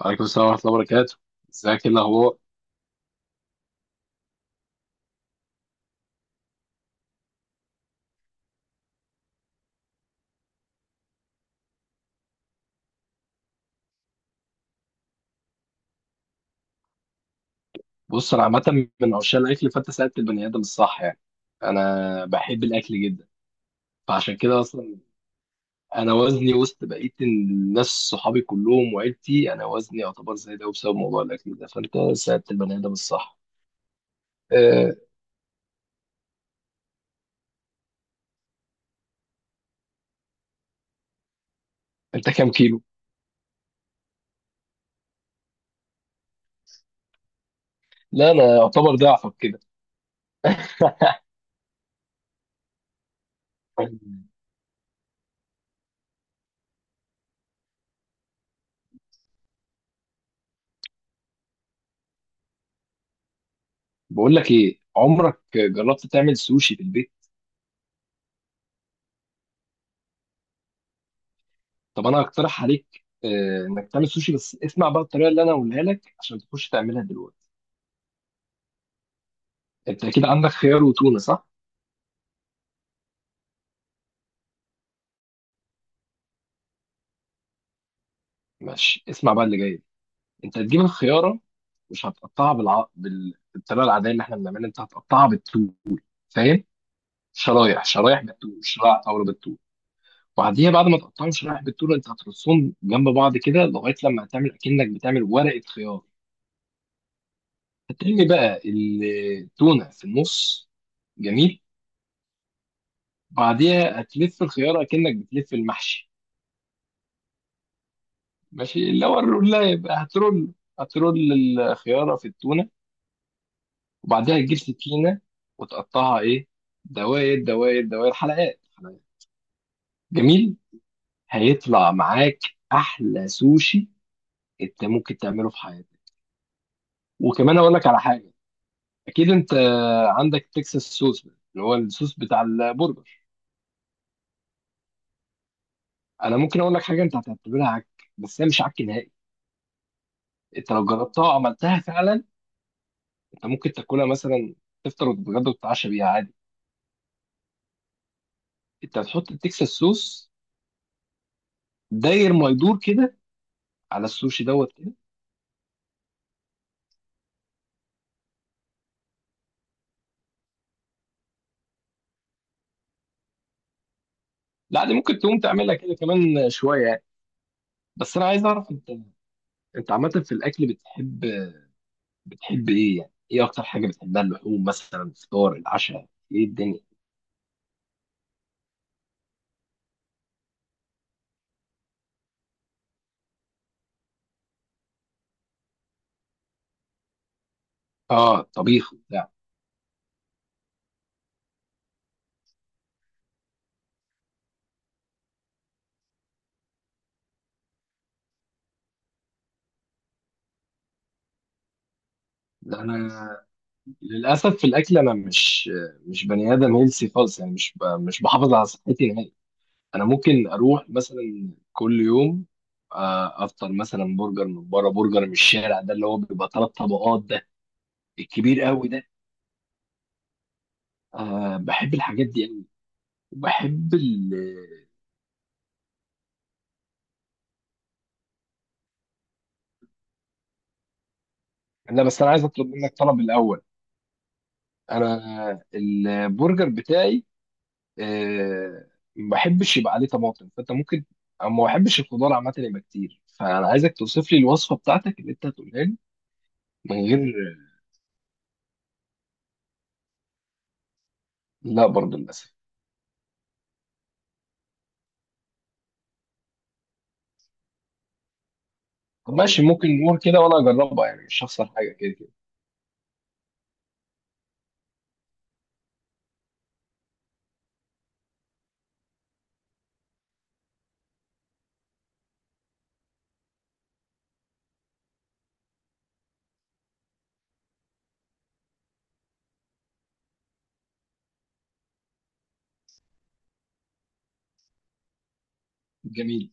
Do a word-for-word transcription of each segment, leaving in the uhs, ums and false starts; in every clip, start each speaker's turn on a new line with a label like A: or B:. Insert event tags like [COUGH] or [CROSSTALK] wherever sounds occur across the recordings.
A: وعليكم السلام ورحمة الله وبركاته. ازيك، ايه الأخبار؟ بص، أنا عامة من عشاق الأكل، فأنت سألت البني آدم الصح. يعني أنا بحب الأكل جدا، فعشان كده أصلا أنا وزني وسط بقية الناس، صحابي كلهم وعيلتي. أنا وزني يعتبر زي ده بسبب موضوع الأكل ده، فأنت سألت البني آدم الصح. أه. أنت كام كيلو؟ لا، أنا يعتبر ضعفك كده. بقول لك إيه، عمرك جربت تعمل سوشي في البيت؟ طب أنا هقترح عليك، آه، إنك تعمل سوشي، بس اسمع بقى الطريقة اللي أنا هقولها لك عشان تخش تعملها دلوقتي. انت اكيد عندك خيار وتونه، صح؟ ماشي، اسمع بقى اللي جاي. انت هتجيب الخياره، مش هتقطعها بالع... بال... بالطريقه العاديه اللي احنا بنعملها. انت هتقطعها بالطول، فاهم؟ شرايح شرايح بالطول، شرايح طاوله بالطول. وبعديها بعد ما تقطعهم شرايح بالطول، انت هترصهم جنب بعض كده لغايه لما هتعمل اكنك بتعمل ورقه خيار. هترمي بقى التونه في النص. جميل. بعديها هتلف الخياره اكنك بتلف المحشي. ماشي، اللي هو الرولايه بقى. هترول هترول الخياره في التونه. وبعدها تجيب سكينة، وتقطعها إيه؟ دوائر دوائر دوائر، حلقات حلقات. جميل. هيطلع معاك أحلى سوشي أنت ممكن تعمله في حياتك. وكمان أقول لك على حاجة. أكيد أنت عندك تكساس صوص ده، اللي هو الصوص بتاع البرجر. أنا ممكن أقول لك حاجة أنت هتعتبرها عك، بس هي مش عك نهائي. أنت لو جربتها وعملتها فعلا، أنت ممكن تاكلها مثلا، تفطر وتتغدى وتتعشى بيها عادي. أنت هتحط التكساس صوص داير ما يدور كده على السوشي دوت. لا، دي ممكن تقوم تعملها كده كمان شويه يعني. بس انا عايز اعرف انت انت عامه في الاكل بتحب بتحب ايه؟ يعني ايه اكتر حاجه بتحبها؟ اللحوم مثلا، الفطار، العشاء، ايه الدنيا؟ اه، طبيخ وبتاع. لا انا للاسف في الاكل انا مش مش بني ادم هيلسي خالص، يعني مش ب... مش بحافظ على صحتي نهائي. انا ممكن اروح مثلا كل يوم، آه، افطر مثلا برجر من بره، برجر من الشارع ده اللي هو بيبقى ثلاث طبقات ده، الكبير قوي ده. آه بحب الحاجات دي. وبحب ال لا بس انا عايز اطلب منك طلب الاول. انا البرجر بتاعي آه، ما بحبش يبقى عليه طماطم، فانت ممكن، أو ما بحبش الخضار عامه يبقى كتير، فانا عايزك توصف لي الوصفه بتاعتك اللي انت هتقولها لي. من غير. لا برضه للاسف. طب، هقول ماشي لك، ممكن نقول كده وانا اجربها يعني، مش هخسر حاجه كده كده. جميل.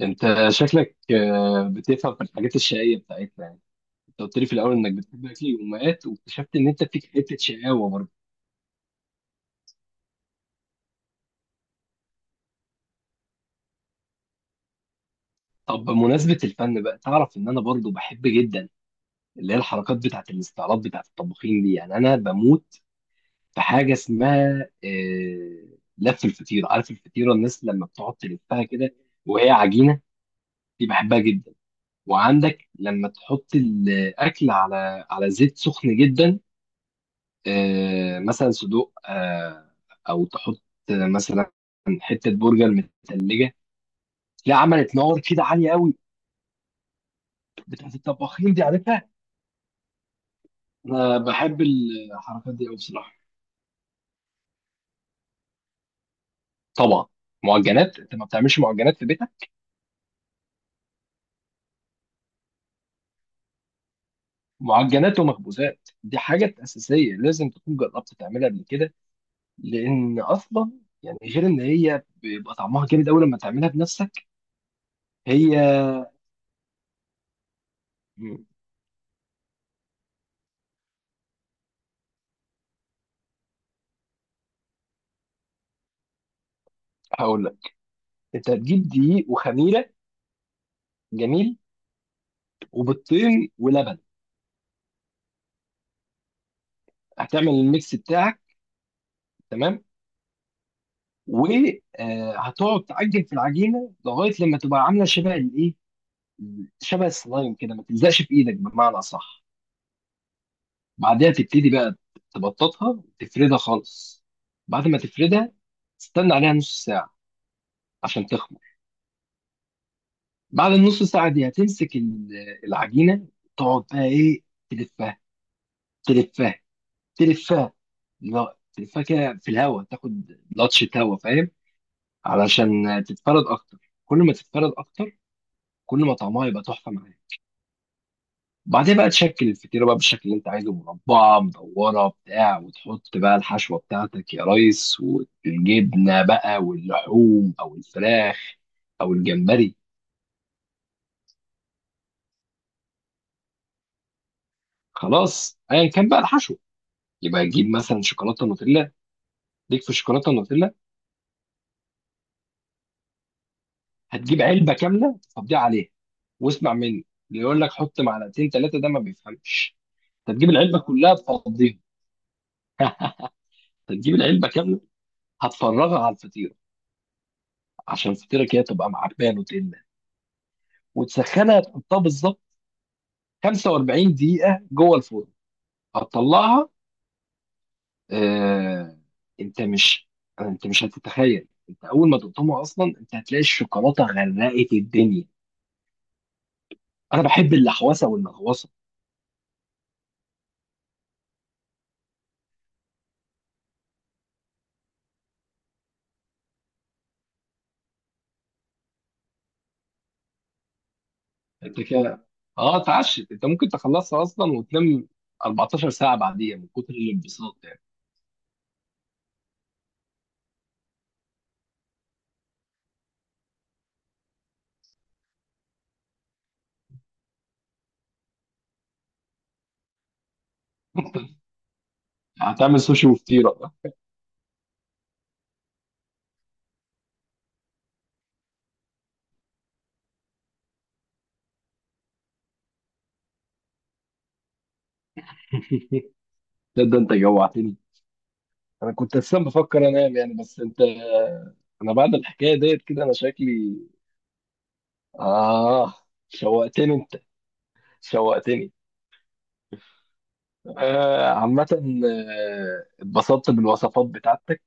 A: انت شكلك آه، بتفهم في الحاجات الشقيه بتاعتنا يعني. انت قلت لي في الاول انك بتحب اكل الامهات، واكتشفت ان انت فيك حته شقاوه برضه. طب بمناسبة الفن بقى، تعرف إن أنا برضو بحب جدا اللي هي الحركات بتاعة الاستعراض بتاعة الطباخين دي؟ يعني أنا بموت في حاجة اسمها آه، لف الفطيرة. عارف الفطيرة الناس لما بتقعد تلفها كده وهي عجينة؟ دي بحبها جدا. وعندك لما تحط الأكل على على زيت سخن جدا، آه، مثلا صدوق، آه، أو تحط مثلا حتة برجر متلجة، لا عملت نار كده عالية قوي، بتاعة الطباخين دي، عارفها؟ انا بحب الحركات دي قوي بصراحه. طبعا. معجنات، انت ما بتعملش معجنات في بيتك؟ معجنات ومخبوزات دي حاجه اساسيه، لازم تكون جربت تعملها قبل كده، لان اصلا يعني، غير ان هي بيبقى طعمها جامد قوي لما تعملها بنفسك. هي مم. هقول لك، انت هتجيب دقيق وخميره. جميل. وبيضتين ولبن. هتعمل الميكس بتاعك. تمام. وهتقعد تعجن في العجينه لغايه لما تبقى عامله شبه الايه، شبه السلايم كده، ما تلزقش في ايدك بمعنى صح. بعدها تبتدي بقى تبططها وتفردها خالص. بعد ما تفردها، تستنى عليها نص ساعة عشان تخمر. بعد النص ساعة دي هتمسك ال- العجينة، تقعد بقى ايه، تلفها، تلفها، تلفها. لا، تلفها كده في الهواء، تاخد لطشة هواء، فاهم؟ علشان تتفرد اكتر، كل ما تتفرد اكتر، كل ما طعمها يبقى تحفة معاك. بعدين بقى تشكل الفطيره بقى بالشكل اللي انت عايزه، مربعه، مدوره، بتاع، وتحط بقى الحشوه بتاعتك يا ريس، والجبنه بقى، واللحوم او الفراخ او الجمبري. خلاص ايا كان بقى الحشو، يبقى تجيب مثلا شوكولاته نوتيلا. ليك في الشوكولاته النوتيلا؟ هتجيب علبه كامله تفضيها عليها. واسمع مني، اللي يقول لك حط معلقتين ثلاثه ده ما بيفهمش. انت تجيب العلبه كلها تفضيها، تجيب العلبه كامله، هتفرغها على الفطيره عشان الفطيره كده تبقى معبيه نوتيلا، وتسخنها تحطها بالظبط 45 دقيقة جوه الفرن. هتطلعها آه... انت مش انت مش هتتخيل، انت اول ما تقطمها اصلا انت هتلاقي الشوكولاتة غرقت الدنيا. انا بحب اللحوسة والمغوصة. انت كده اه اتعشت، انت ممكن تخلصها اصلا وتنام 14 ساعة بعديها من كتر الانبساط يعني. [LAUGHS] هتعمل سوشي وفطيرة. [LAUGHS] ده ده انت جوعتني. انا كنت اساسا بفكر انام يعني، بس انت آه، انا بعد الحكايه ديت كده انا شكلي آه شوقتني أنت، شوقتني. آه عامة، آه، اتبسطت بالوصفات بتاعتك.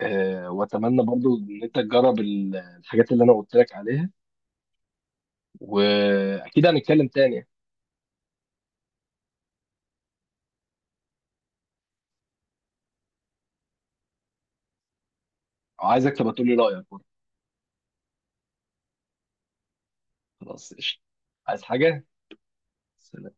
A: آه وأتمنى برضو إن أنت تجرب ال- الحاجات اللي أنا قلت لك عليها، وأكيد هنتكلم تاني. عايزك تبقى تقول لي رأيك برضو. خلاص، قشطة. عايز حاجة؟ سلام.